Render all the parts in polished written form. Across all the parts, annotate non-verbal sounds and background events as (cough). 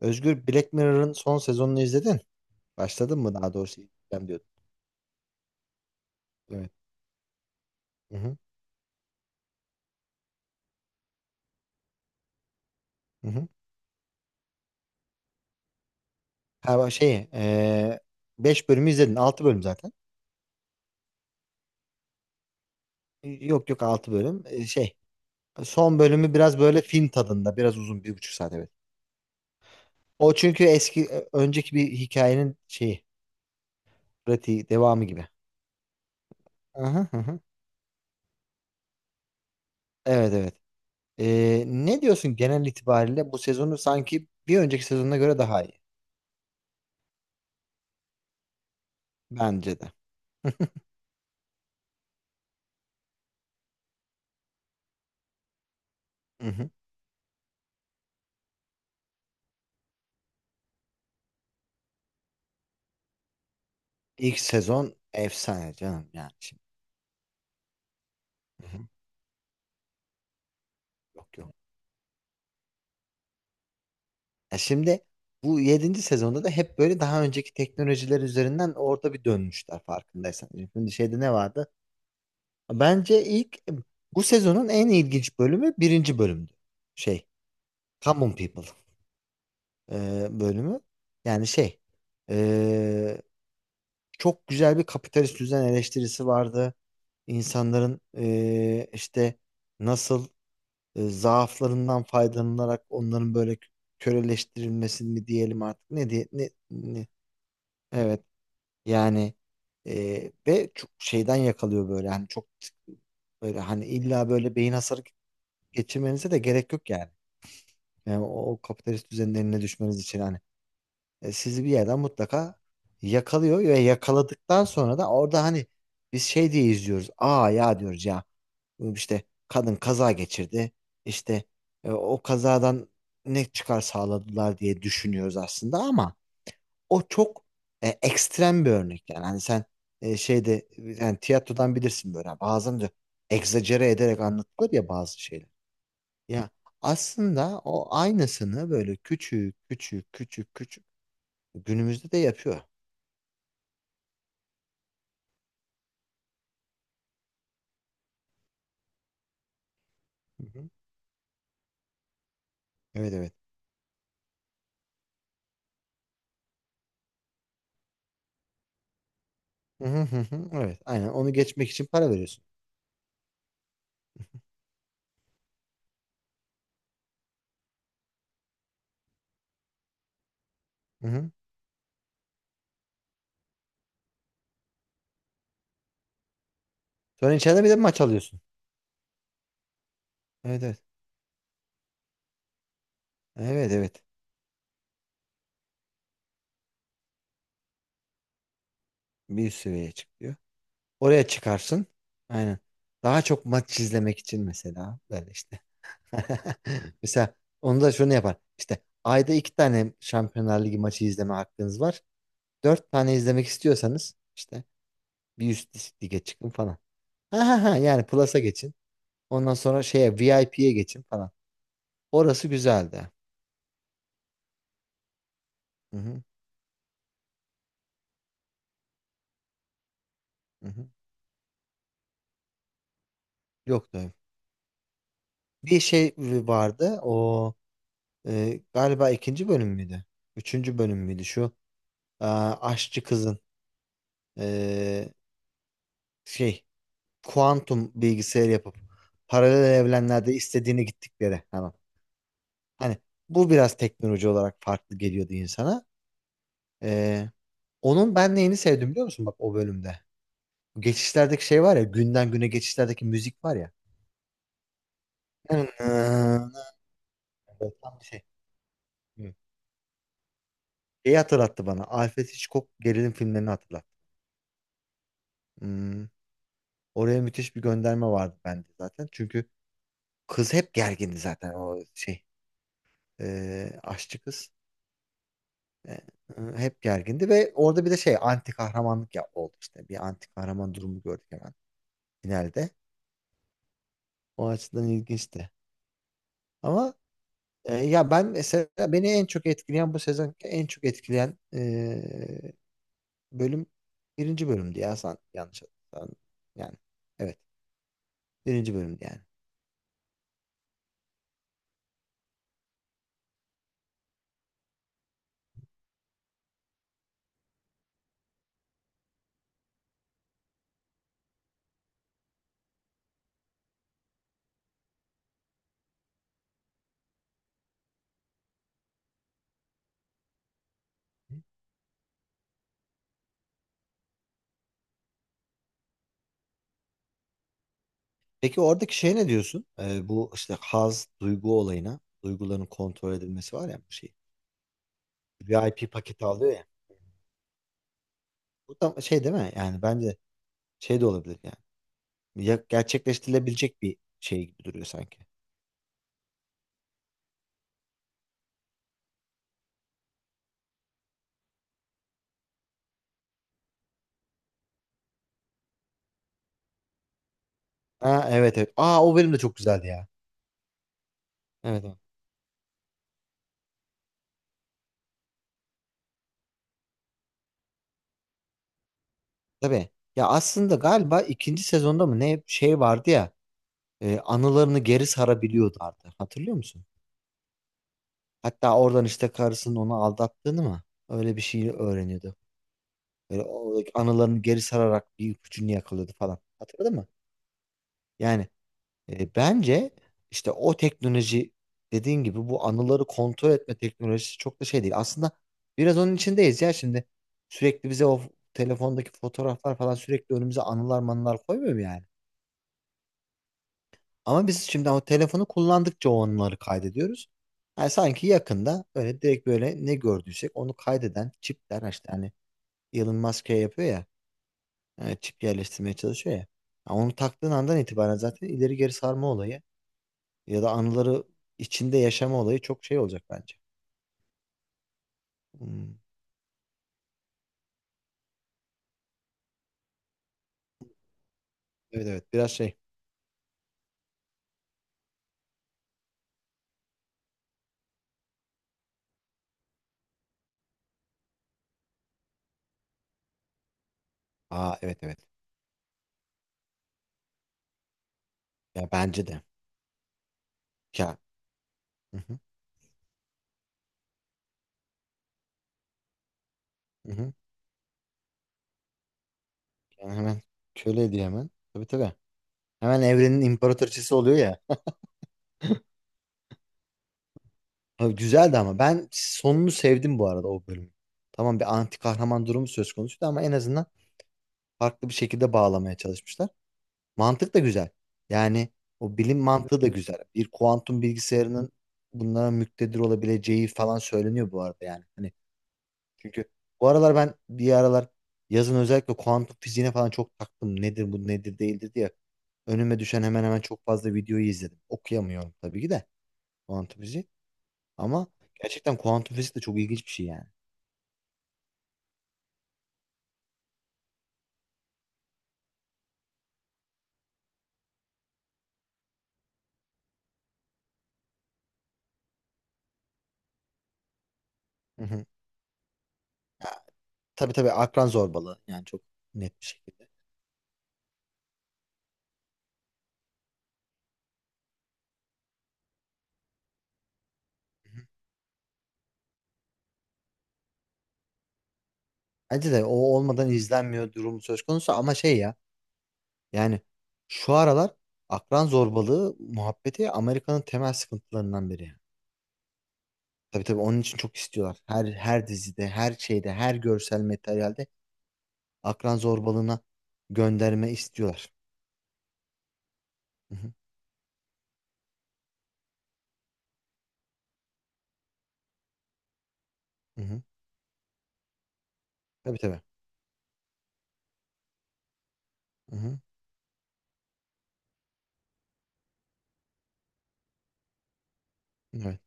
Özgür Black Mirror'ın son sezonunu izledin. Başladın mı daha doğrusu? İzleyeceğim diyordun. Evet. Hı hı. Hı hı. Ha, bak şey, 5 bölümü izledin. 6 bölüm zaten. Yok yok, 6 bölüm. Şey, son bölümü biraz böyle film tadında. Biraz uzun. 1,5 saat, evet. O çünkü eski, önceki bir hikayenin şeyi. Pratiği, devamı gibi. Hı hı hı hı. Evet evet. Ne diyorsun genel itibariyle bu sezonu sanki bir önceki sezonuna göre daha iyi. Bence de. Hı hı. İlk sezon efsane canım, yani şimdi. Yok yok. Ya şimdi bu yedinci sezonda da hep böyle daha önceki teknolojiler üzerinden orada bir dönmüşler, farkındaysan. Şimdi şeyde ne vardı? Bence ilk, bu sezonun en ilginç bölümü birinci bölümdü. Şey, Common People bölümü. Yani şey, e, çok güzel bir kapitalist düzen eleştirisi vardı. İnsanların işte nasıl zaaflarından faydalanarak onların böyle köleleştirilmesi mi diyelim artık, ne diye, Evet, yani ve çok şeyden yakalıyor böyle, hani çok böyle, hani illa böyle beyin hasarı geçirmenize de gerek yok yani. Yani o kapitalist düzenin eline düşmeniz için, hani sizi bir yerden mutlaka yakalıyor ve yakaladıktan sonra da orada hani biz şey diye izliyoruz. Aa ya, diyoruz ya işte kadın kaza geçirdi, işte o kazadan ne çıkar sağladılar diye düşünüyoruz aslında ama o çok ekstrem bir örnek, yani hani sen şeyde, yani tiyatrodan bilirsin böyle. Yani bazen de egzajere ederek anlatılır ya bazı şeyler. Ya aslında o aynısını böyle küçük küçük küçük küçük günümüzde de yapıyor. Hı hı. Evet evet. Hı hı hı hı. Evet, aynen onu geçmek için para veriyorsun. Hı hı. Sonra içeride bir de maç alıyorsun. Evet evet. Evet evet. Bir üst seviyeye çıkıyor. Oraya çıkarsın. Aynen. Daha çok maç izlemek için mesela, böyle işte. (laughs) Mesela onu da şunu yapar. İşte ayda iki tane Şampiyonlar Ligi maçı izleme hakkınız var. Dört tane izlemek istiyorsanız işte bir üst lige çıkın falan. Ha ha ha, yani Plus'a geçin. Ondan sonra şeye VIP'ye geçin falan. Orası güzeldi. Hı hı, hı hı. Yoktu. Bir şey vardı o, galiba ikinci bölüm müydü? Üçüncü bölüm müydü şu? Aa, aşçı kızın e, şey, kuantum bilgisayar yapıp paralel evrenlerde istediğini gittikleri hemen. Hani bu biraz teknoloji olarak farklı geliyordu insana. Ee, onun ben neyini sevdim biliyor musun, bak, o bölümde? Bu geçişlerdeki şey var ya, günden güne geçişlerdeki müzik var ya. Evet, tam bir şey. Hı. Şeyi hatırlattı bana. Alfred Hitchcock gerilim filmlerini hatırlattı. Hmm, oraya müthiş bir gönderme vardı bende zaten. Çünkü kız hep gergindi zaten o şey. Aşçı kız. E, hep gergindi ve orada bir de şey, anti kahramanlık ya, oldu işte. Bir anti kahraman durumu gördük hemen finalde. O açıdan ilginçti. Ama ya ben mesela beni en çok etkileyen bu sezon, en çok etkileyen bölüm birinci bölümdü ya, sen yanlış hatırlamıyorsan. Yani evet, birinci bölümdü yani. Peki oradaki şey ne diyorsun? Bu işte haz duygu olayına, duyguların kontrol edilmesi var ya, bu şey. VIP paketi alıyor ya. Bu da şey değil mi? Yani bence şey de olabilir yani. Ya- gerçekleştirilebilecek bir şey gibi duruyor sanki. Ha evet evet. Aa o bölüm de çok güzeldi ya. Evet evet. Tabii. Ya aslında galiba ikinci sezonda mı ne, şey vardı ya. Anılarını geri sarabiliyordu artık. Hatırlıyor musun? Hatta oradan işte karısının onu aldattığını mı? Öyle bir şey öğreniyordu. Böyle o anılarını geri sararak bir ipucunu yakaladı falan. Hatırladın mı? Yani bence işte o teknoloji, dediğin gibi bu anıları kontrol etme teknolojisi çok da şey değil. Aslında biraz onun içindeyiz ya şimdi. Sürekli bize o telefondaki fotoğraflar falan sürekli önümüze anılar manılar koymuyor mu yani? Ama biz şimdi o telefonu kullandıkça o anıları kaydediyoruz. Yani sanki yakında böyle direkt böyle ne gördüysek onu kaydeden çipler, işte hani Elon Musk şey yapıyor ya, çip yerleştirmeye çalışıyor ya. Ya onu taktığın andan itibaren zaten ileri geri sarma olayı ya da anıları içinde yaşama olayı çok şey olacak bence. Hmm, evet evet biraz şey. Aa evet evet. Ya bence de. Ya. Hı hı, hı hı. Yani hemen köle ediyor hemen. Tabii tabii. Hemen evrenin imparatoriçesi oluyor ya. Abi güzeldi ama, ben sonunu sevdim bu arada o bölümü. Tamam, bir anti kahraman durumu söz konusuydu ama en azından farklı bir şekilde bağlamaya çalışmışlar. Mantık da güzel. Yani o bilim mantığı da güzel. Bir kuantum bilgisayarının bunlara müktedir olabileceği falan söyleniyor bu arada yani. Hani çünkü bu aralar ben, bir aralar yazın özellikle kuantum fiziğine falan çok taktım. Nedir bu, nedir değildir diye. Önüme düşen hemen hemen çok fazla videoyu izledim. Okuyamıyorum tabii ki de kuantum fiziği. Ama gerçekten kuantum fizik de çok ilginç bir şey yani. Hı hı. Ya, tabii tabii akran zorbalığı yani, çok net bir şekilde. Hı hı. Bence de o olmadan izlenmiyor durumu söz konusu, ama şey ya, yani şu aralar akran zorbalığı muhabbeti Amerika'nın temel sıkıntılarından biri yani. Tabii tabii onun için çok istiyorlar. Her dizide, her şeyde, her görsel materyalde akran zorbalığına gönderme istiyorlar. Hı hı, hı hı. Tabii tabii. Hı hı, evet.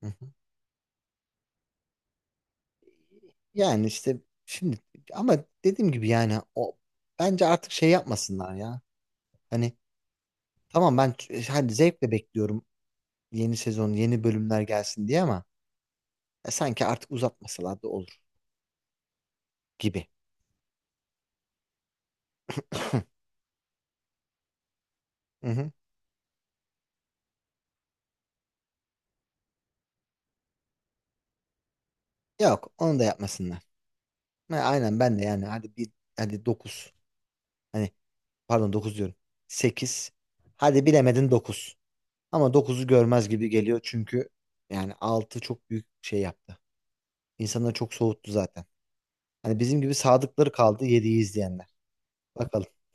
Hı hı. Yani işte şimdi, ama dediğim gibi yani, o bence artık şey yapmasınlar ya. Hani tamam, ben hani zevkle bekliyorum yeni sezon, yeni bölümler gelsin diye, ama sanki artık uzatmasalar da olur gibi. (laughs) Hı hı. Yok, onu da yapmasınlar. Ha, aynen ben de, yani hadi bir, hadi 9. Hani pardon, 9 diyorum. Sekiz. Hadi bilemedin 9. Ama dokuzu görmez gibi geliyor çünkü yani 6 çok büyük şey yaptı. İnsanları çok soğuttu zaten. Hani bizim gibi sadıkları kaldı 7'yi izleyenler. Bakalım.